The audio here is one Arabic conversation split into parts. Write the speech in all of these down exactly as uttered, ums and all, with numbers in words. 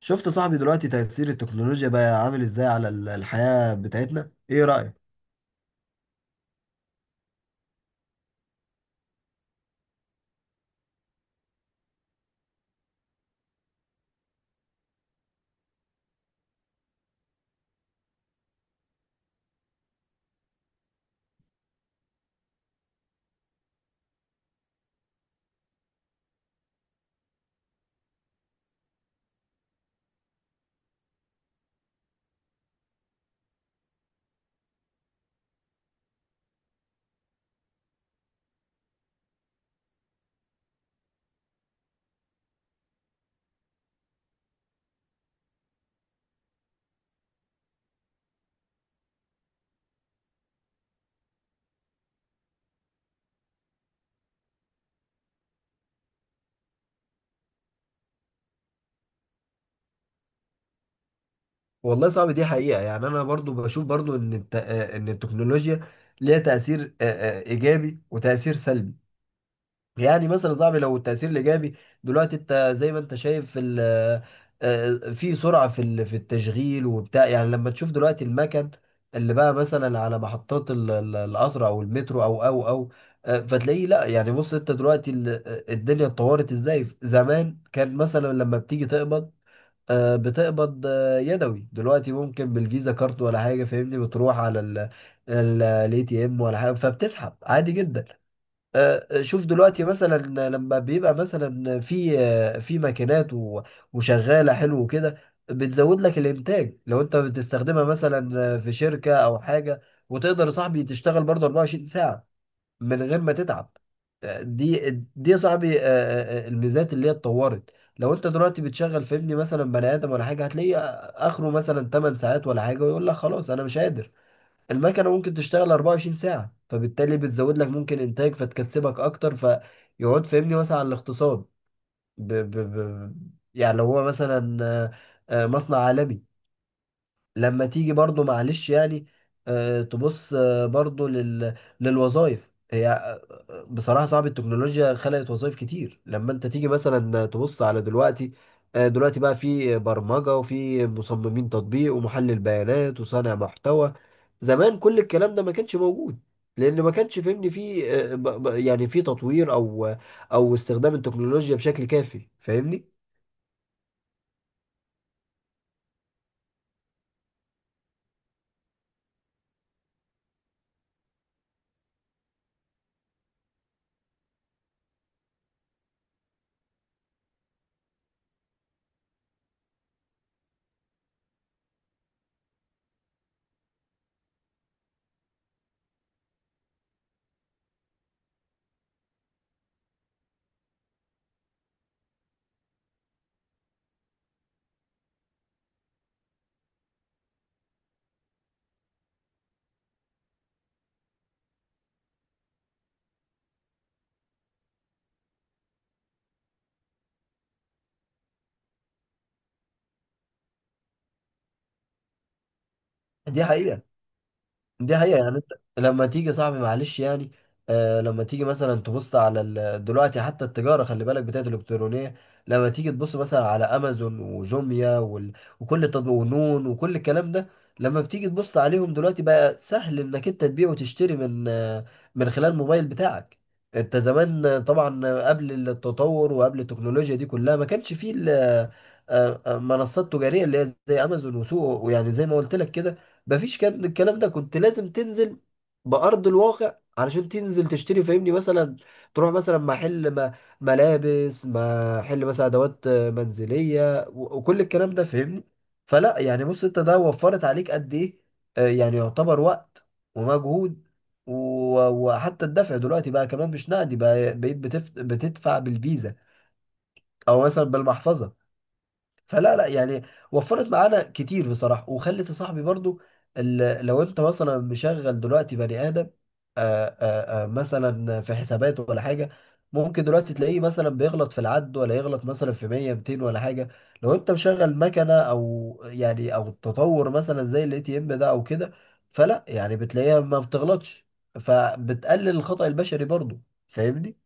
شفت صاحبي دلوقتي تأثير التكنولوجيا بقى عامل ازاي على ال- الحياة بتاعتنا، ايه رأيك؟ والله صعب دي حقيقة. يعني أنا برضو بشوف برضو إن الت... آه، إن التكنولوجيا ليها تأثير آه، آه، إيجابي وتأثير سلبي. يعني مثلا يا صاحبي لو التأثير الإيجابي دلوقتي، أنت زي ما أنت شايف في ال- آه، آه، في سرعة في ال- في التشغيل وبتاع. يعني لما تشوف دلوقتي المكن اللي بقى مثلا على محطات ال- ال- القطر أو المترو أو أو أو آه، فتلاقيه، لا يعني بص أنت دلوقتي ال- آه، الدنيا اتطورت إزاي. زمان كان مثلا لما بتيجي تقبض، آه، بتقبض آه، يدوي، دلوقتي ممكن بالفيزا كارت ولا حاجة، فاهمني، بتروح على ال الاي تي ام ولا حاجة فبتسحب عادي جدا. آه، آه، شوف دلوقتي مثلا لما بيبقى مثلا في آه، في ماكينات و- وشغاله حلو كده، بتزود لك الانتاج لو انت بتستخدمها مثلا في شركه او حاجه، وتقدر يا صاحبي تشتغل برضه 24 ساعه من غير ما تتعب. آه، دي دي يا صاحبي آه، آه، آه، الميزات اللي هي اتطورت. لو انت دلوقتي بتشغل فهمني مثلا بني ادم ولا حاجه، هتلاقيه اخره مثلا 8 ساعات ولا حاجه، ويقول لك خلاص انا مش قادر. المكنة ممكن تشتغل 24 ساعة، فبالتالي بتزود لك ممكن إنتاج فتكسبك أكتر، فيقعد فهمني مثلا على الاقتصاد. ب... ب... ب... يعني لو هو مثلا آه، آه، مصنع عالمي. لما تيجي برضو معلش يعني آه، تبص آه، برضو لل... للوظائف، هي آه، آه، بصراحة صعب. التكنولوجيا خلقت وظائف كتير لما انت تيجي مثلا تبص على دلوقتي. آه، دلوقتي بقى في برمجة وفي مصممين تطبيق ومحلل بيانات وصانع محتوى. زمان كل الكلام ده ما كانش موجود، لان ما كانش فهمني في آه، ب- ب- يعني في تطوير او او استخدام التكنولوجيا بشكل كافي، فاهمني. دي حقيقة. دي حقيقة يعني انت لما تيجي صاحبي معلش يعني آه لما تيجي مثلا تبص على ال- دلوقتي حتى التجارة خلي بالك بتاعت الإلكترونية. لما تيجي تبص مثلا على أمازون وجوميا وال... وكل التطبيق ونون وكل الكلام ده، لما بتيجي تبص عليهم دلوقتي بقى سهل إنك أنت تبيع وتشتري من آه من خلال الموبايل بتاعك. أنت زمان آه، طبعا آه، قبل التطور وقبل التكنولوجيا دي كلها، ما كانش فيه ال- آه، آه، منصات تجارية اللي هي زي أمازون وسوق، ويعني زي ما قلت لك كده مفيش. كان الكلام ده كنت لازم تنزل بأرض الواقع علشان تنزل تشتري، فاهمني، مثلا تروح مثلا محل ما ملابس، محل مثلا أدوات منزلية، و- وكل الكلام ده فاهمني. فلا يعني بص انت ده وفرت عليك قد ايه. آه، يعني يعتبر وقت ومجهود، و- وحتى الدفع دلوقتي بقى كمان مش نقدي، بقى بقيت بتف... بتدفع بالفيزا او مثلا بالمحفظة. فلا لا يعني وفرت معانا كتير بصراحة. وخلت يا صاحبي برضو ال- لو انت مثلا مشغل دلوقتي بني آدم آآ آآ مثلا في حساباته ولا حاجة، ممكن دلوقتي تلاقيه مثلا بيغلط في العد، ولا يغلط مثلا في ميه ميتين ولا حاجة. لو انت مشغل مكنة او يعني او التطور مثلا زي الاي تي ام ده او كده، فلا يعني بتلاقيها ما بتغلطش، فبتقلل الخطأ البشري برضو، فاهمني.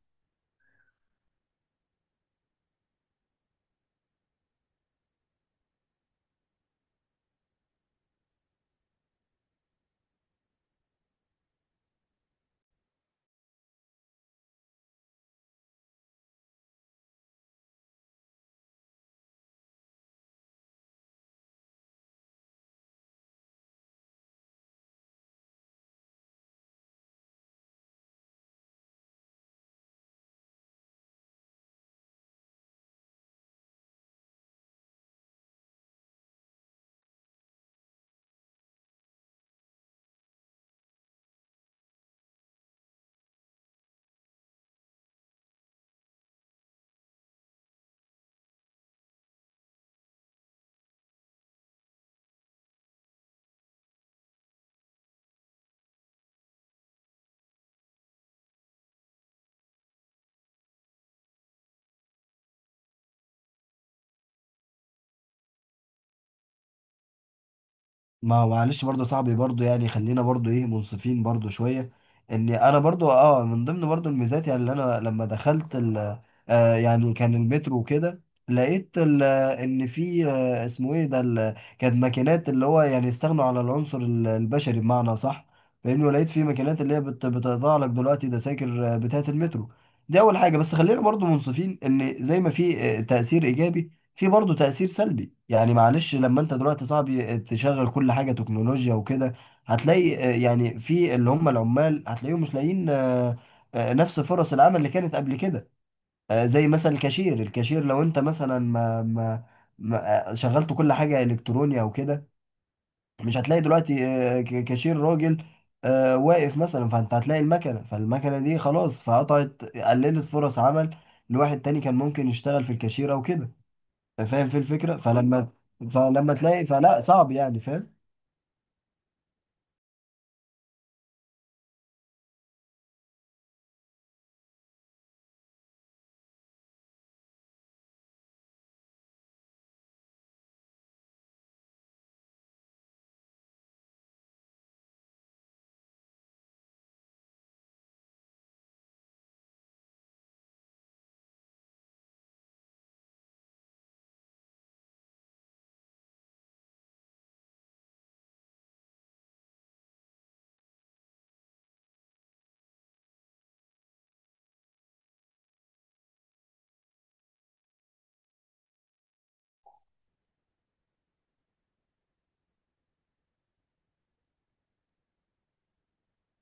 ما معلش برضه يا صاحبي برضه يعني خلينا برضه ايه منصفين برضه شويه، ان انا برضه اه من ضمن برضه الميزات، يعني اللي انا لما دخلت ال آه يعني كان المترو وكده، لقيت ال آه، ان في آه اسمه ايه ده ال- كانت ماكينات اللي هو يعني استغنوا على العنصر ال- البشري، بمعنى صح، فاهمني. ولقيت في ماكينات اللي هي بت- بتقطع لك دلوقتي دساكر آه، بتاعه المترو. دي اول حاجه. بس خلينا برضه منصفين ان زي ما في آه، تاثير ايجابي، في برضه تأثير سلبي. يعني معلش لما انت دلوقتي صاحبي تشغل كل حاجة تكنولوجيا وكده، هتلاقي آه، يعني في اللي هم العمال هتلاقيهم مش لاقيين آه، آه، نفس فرص العمل اللي كانت قبل كده. آه، زي مثلا الكاشير. الكاشير لو انت مثلا ما ما ما- آه، شغلت كل حاجة إلكترونية او كده، مش هتلاقي دلوقتي آه، ك- كاشير راجل آه، واقف مثلا. فانت هتلاقي المكنة، فالمكنة دي خلاص فقطعت قللت فرص عمل لواحد تاني كان ممكن يشتغل في الكاشير او كده، فاهم في الفكره. فلما فلما تلاقي، فلا صعب يعني، فاهم.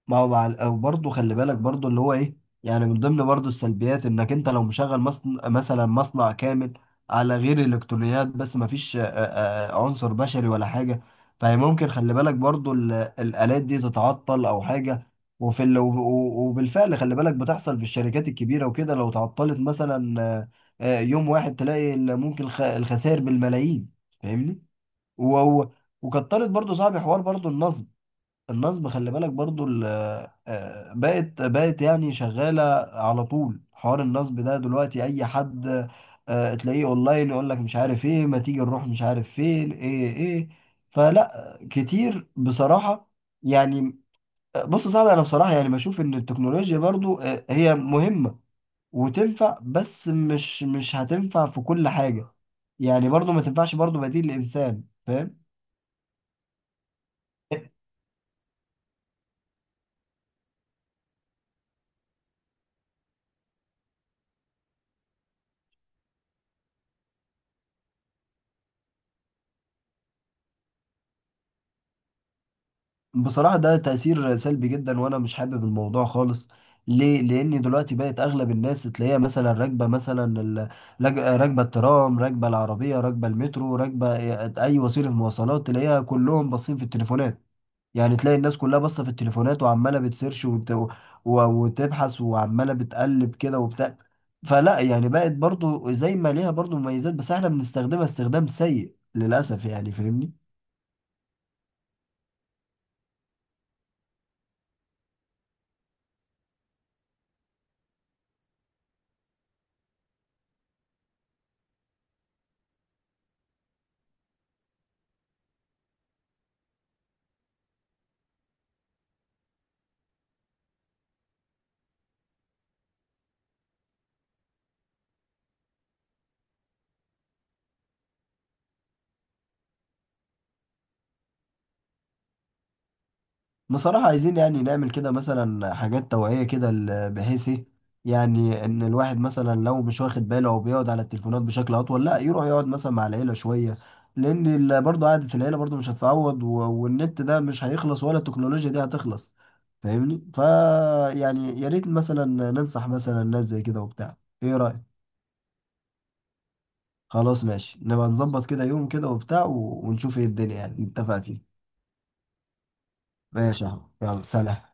ما هو مع ال- وبرضه خلي بالك برضه اللي هو ايه، يعني من ضمن برضه السلبيات انك انت لو مشغل مصنع مثلا، مصنع كامل على غير الالكترونيات بس ما فيش آه، آه، عنصر بشري ولا حاجه، فهي ممكن خلي بالك برضه ال- الالات دي تتعطل او حاجه. وفي ال... و- و- وبالفعل خلي بالك بتحصل في الشركات الكبيره وكده، لو تعطلت مثلا آه، آه، يوم واحد، تلاقي ال- ممكن الخ- الخسائر بالملايين، فاهمني. و... و- وكترت برضو صاحبي حوار برضو النصب. النصب خلي بالك برضو ال... آه، بقت بقت يعني شغالة على طول. حوار النصب ده دلوقتي أي حد آه، تلاقيه أونلاين يقول لك مش عارف إيه، ما تيجي نروح مش عارف فين، إيه إيه. فلا كتير بصراحة يعني. بص صعب، أنا بصراحة يعني بشوف إن التكنولوجيا برضو آه، هي مهمة وتنفع، بس مش مش هتنفع في كل حاجة. يعني برضو ما تنفعش برضو بديل الإنسان، فاهم. بصراحة ده تأثير سلبي جدا، وأنا مش حابب الموضوع خالص. ليه؟ لأن دلوقتي بقت أغلب الناس تلاقيها مثلا راكبة مثلا ال- لج- راكبة الترام، راكبة العربية، راكبة المترو، راكبة أي وسيلة مواصلات، تلاقيها كلهم باصين في التليفونات. يعني تلاقي الناس كلها باصة في التليفونات، وعمالة بتسيرش وت... و- وتبحث، وعمالة بتقلب كده وبتاع. فلا يعني بقت برضو زي ما ليها برضو مميزات، بس احنا بنستخدمها استخدام سيء للأسف يعني، فاهمني. بصراحة عايزين يعني نعمل كده مثلا حاجات توعية كده ل- بحيث ايه، يعني ان الواحد مثلا لو مش واخد باله او بيقعد على التليفونات بشكل اطول، لا يروح يقعد مثلا مع العيلة شوية، لان ال- برضه قعدة العيلة برضه مش هتتعوض، و- والنت ده مش هيخلص ولا التكنولوجيا دي هتخلص، فاهمني. فا يعني يا ريت مثلا ننصح مثلا ناس زي كده وبتاع. ايه رأيك؟ خلاص ماشي، نبقى نظبط كده يوم كده وبتاع، و- ونشوف ايه الدنيا يعني نتفق فيه. ماشي يا أحمد. يلا سلام.